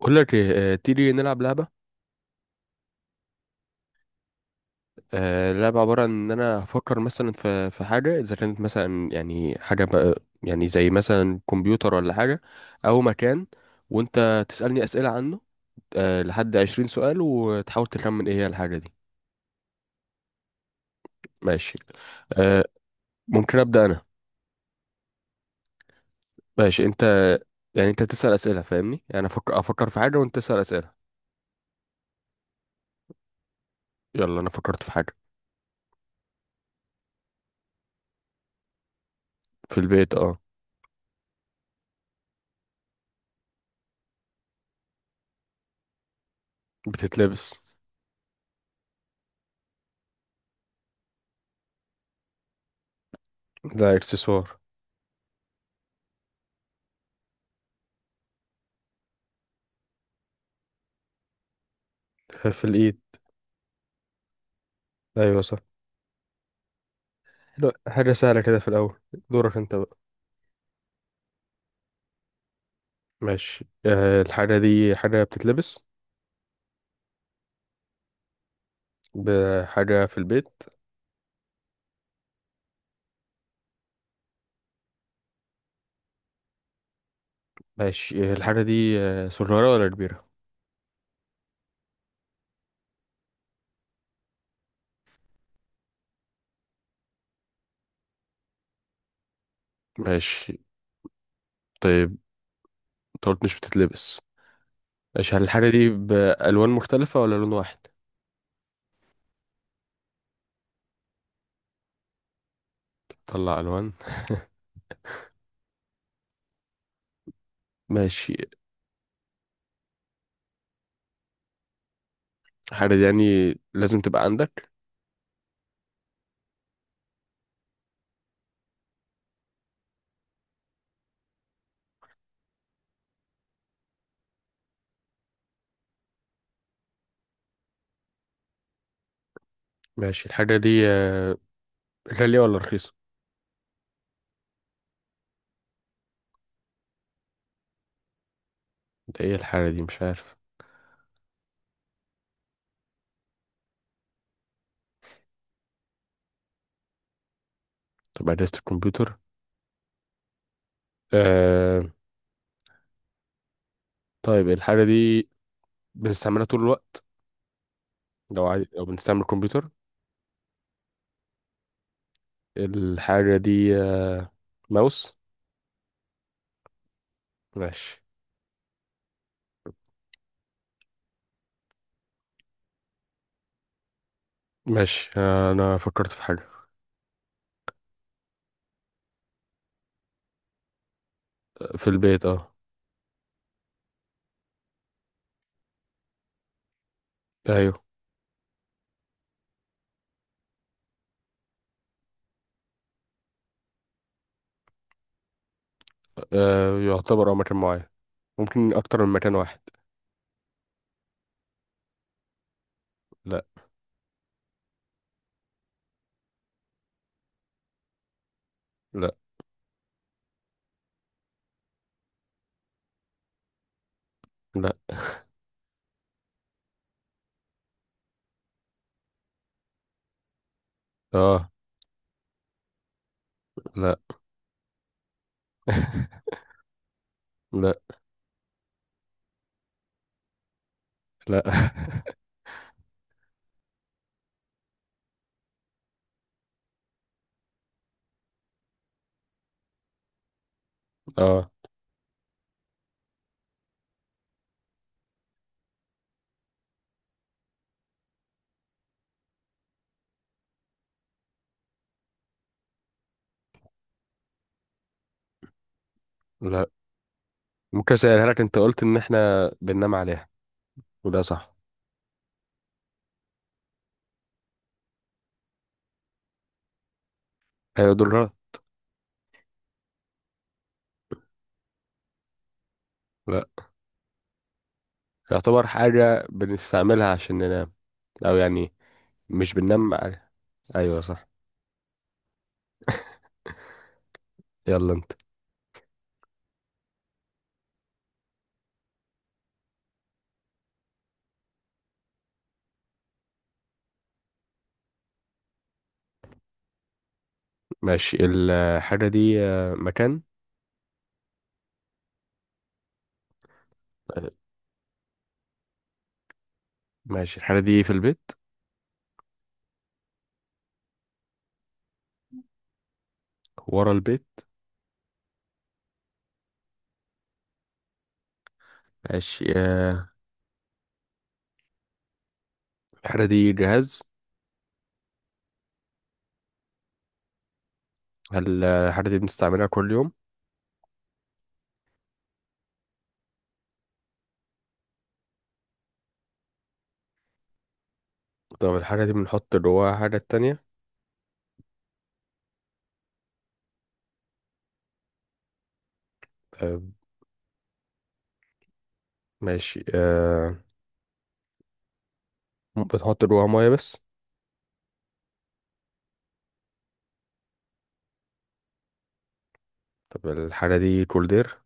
بقول لك إيه، تيجي نلعب لعبة. اللعبة عبارة عن إن أنا أفكر مثلا في حاجة إذا كانت مثلا يعني حاجة بقى، يعني زي مثلا كمبيوتر ولا حاجة، أو مكان، وأنت تسألني أسئلة عنه. لحد 20 سؤال وتحاول تخمن إيه هي الحاجة دي. ماشي. آه، ممكن أبدأ أنا. ماشي أنت. يعني أنت تسأل أسئلة، فاهمني؟ يعني أفكر في حاجة وأنت تسأل أسئلة. يلا، أنا فكرت في حاجة. في البيت، أه. بتتلبس. ده إكسسوار. في الإيد. أيوة صح. حلو، حاجة سهلة كده في الأول. دورك أنت بقى. ماشي. أه، الحاجة دي حاجة بتتلبس. بحاجة في البيت. ماشي. الحاجة دي صغيرة ولا كبيرة؟ ماشي. طيب، أنت قلت مش بتتلبس. ماشي، هل الحاجة دي بألوان مختلفة ولا لون واحد؟ طلع ألوان. ماشي. الحاجة دي يعني لازم تبقى عندك. ماشي. الحاجة دي غالية ولا رخيصة؟ ده إيه الحاجة دي؟ مش عارف. طب أجهزة الكمبيوتر. أه. طيب الحاجة دي بنستعملها طول الوقت، لو عادي، لو بنستعمل الكمبيوتر. الحاجة دي ماوس. ماشي. ماشي، أنا فكرت في حاجة. في البيت، اه. أيوه. يعتبر مكان معين. ممكن أكتر من مكان واحد. لا. لا. لا. اه. لا. لا. لا. اه. لا. ممكن أسألها لك؟ أنت قلت إن إحنا بننام عليها، وده صح؟ أيوة، دول غلط. لا. يعتبر حاجة بنستعملها عشان ننام، أو يعني مش بننام عليها. أيوة صح. يلا انت. ماشي. الحاجة دي مكان. آه، ماشي. الحاجة دي في البيت؟ ورا البيت. ماشي. الحاجة دي جهاز؟ هل الحاجة دي بنستعملها كل يوم؟ طب الحاجة دي بنحط جواها حاجة تانية؟ آه، ماشي. بنحط جواها مية بس؟ طب الحاجة دي كولدير؟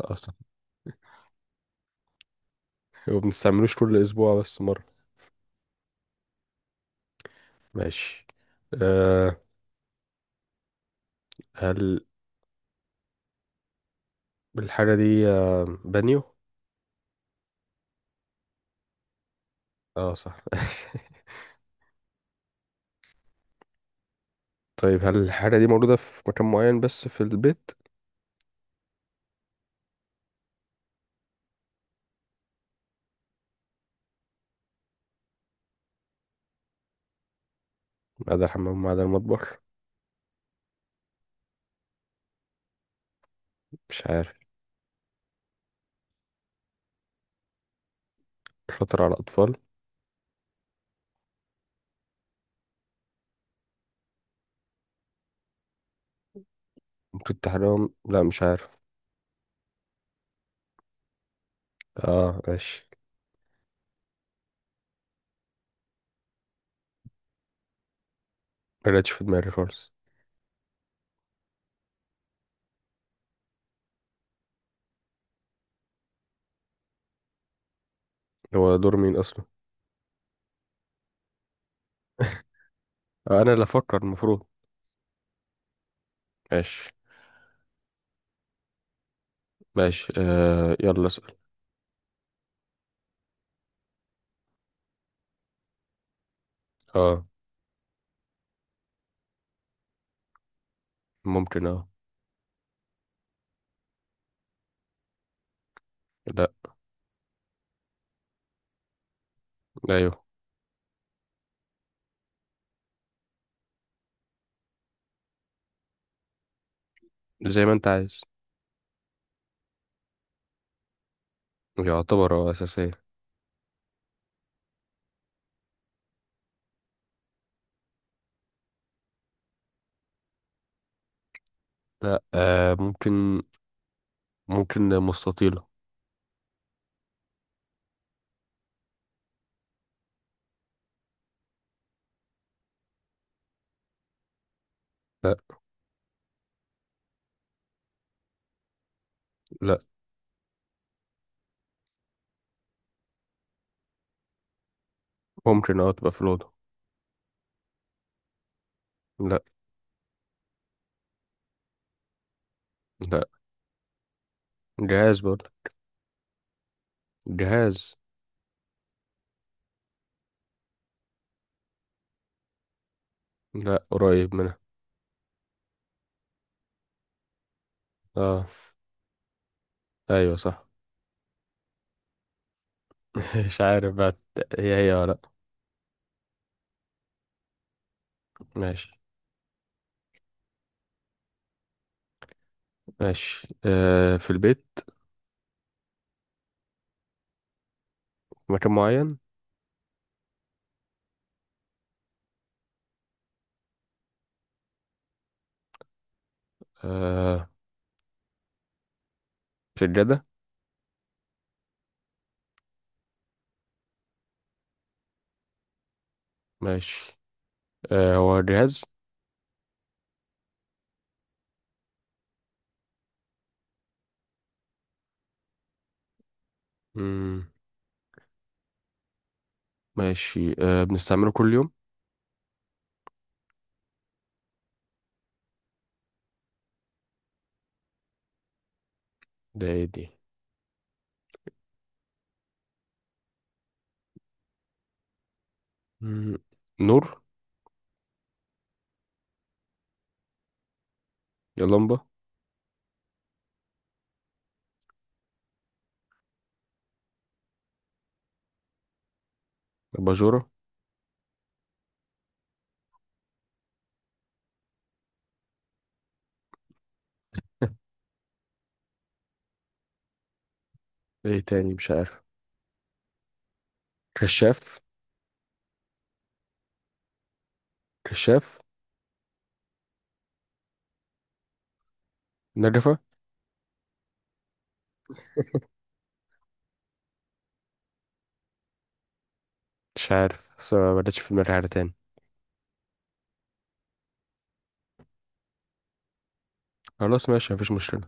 لا أصلا. وبنستعملوش كل أسبوع، بس مرة. ماشي. آه، هل الحاجة دي بانيو؟ اه صح. طيب، هل الحاجة دي موجودة في مكان معين بس في البيت؟ ما عدا الحمام، ما عدا المطبخ. مش عارف. شاطر على الأطفال؟ ممكن تحرمهم. لا، مش عارف. اه، ماشي. ما جاتش في دماغي خالص. هو دور مين أصلا؟ أنا اللي أفكر المفروض. ماشي. ماشي، يلا اسأل. اه. ممكن، اه. لا. أيوه. زي ما أنت عايز. يعتبر هو أساسية. لا، ممكن مستطيلة. لا. لا. ممكن، تبقى في الأوضة. لا. لا. جهاز برضه. جهاز. لا، قريب منها. اه. أيوه صح. مش عارف بقى. هي هي ولا لأ؟ ماشي. ماشي. في البيت. في مكان معين. آه سجادة. ماشي. هو جهاز. مم. ماشي، بنستعمله كل يوم؟ ده ايه دي؟ مم. نور. يا لمبة. أباجورة. ايه تاني؟ مش عارف. كشاف. كشاف. نجفة. مش عارف، بس ما بدأتش في دماغي حاجة تاني. خلاص، ماشي، مفيش مشكلة.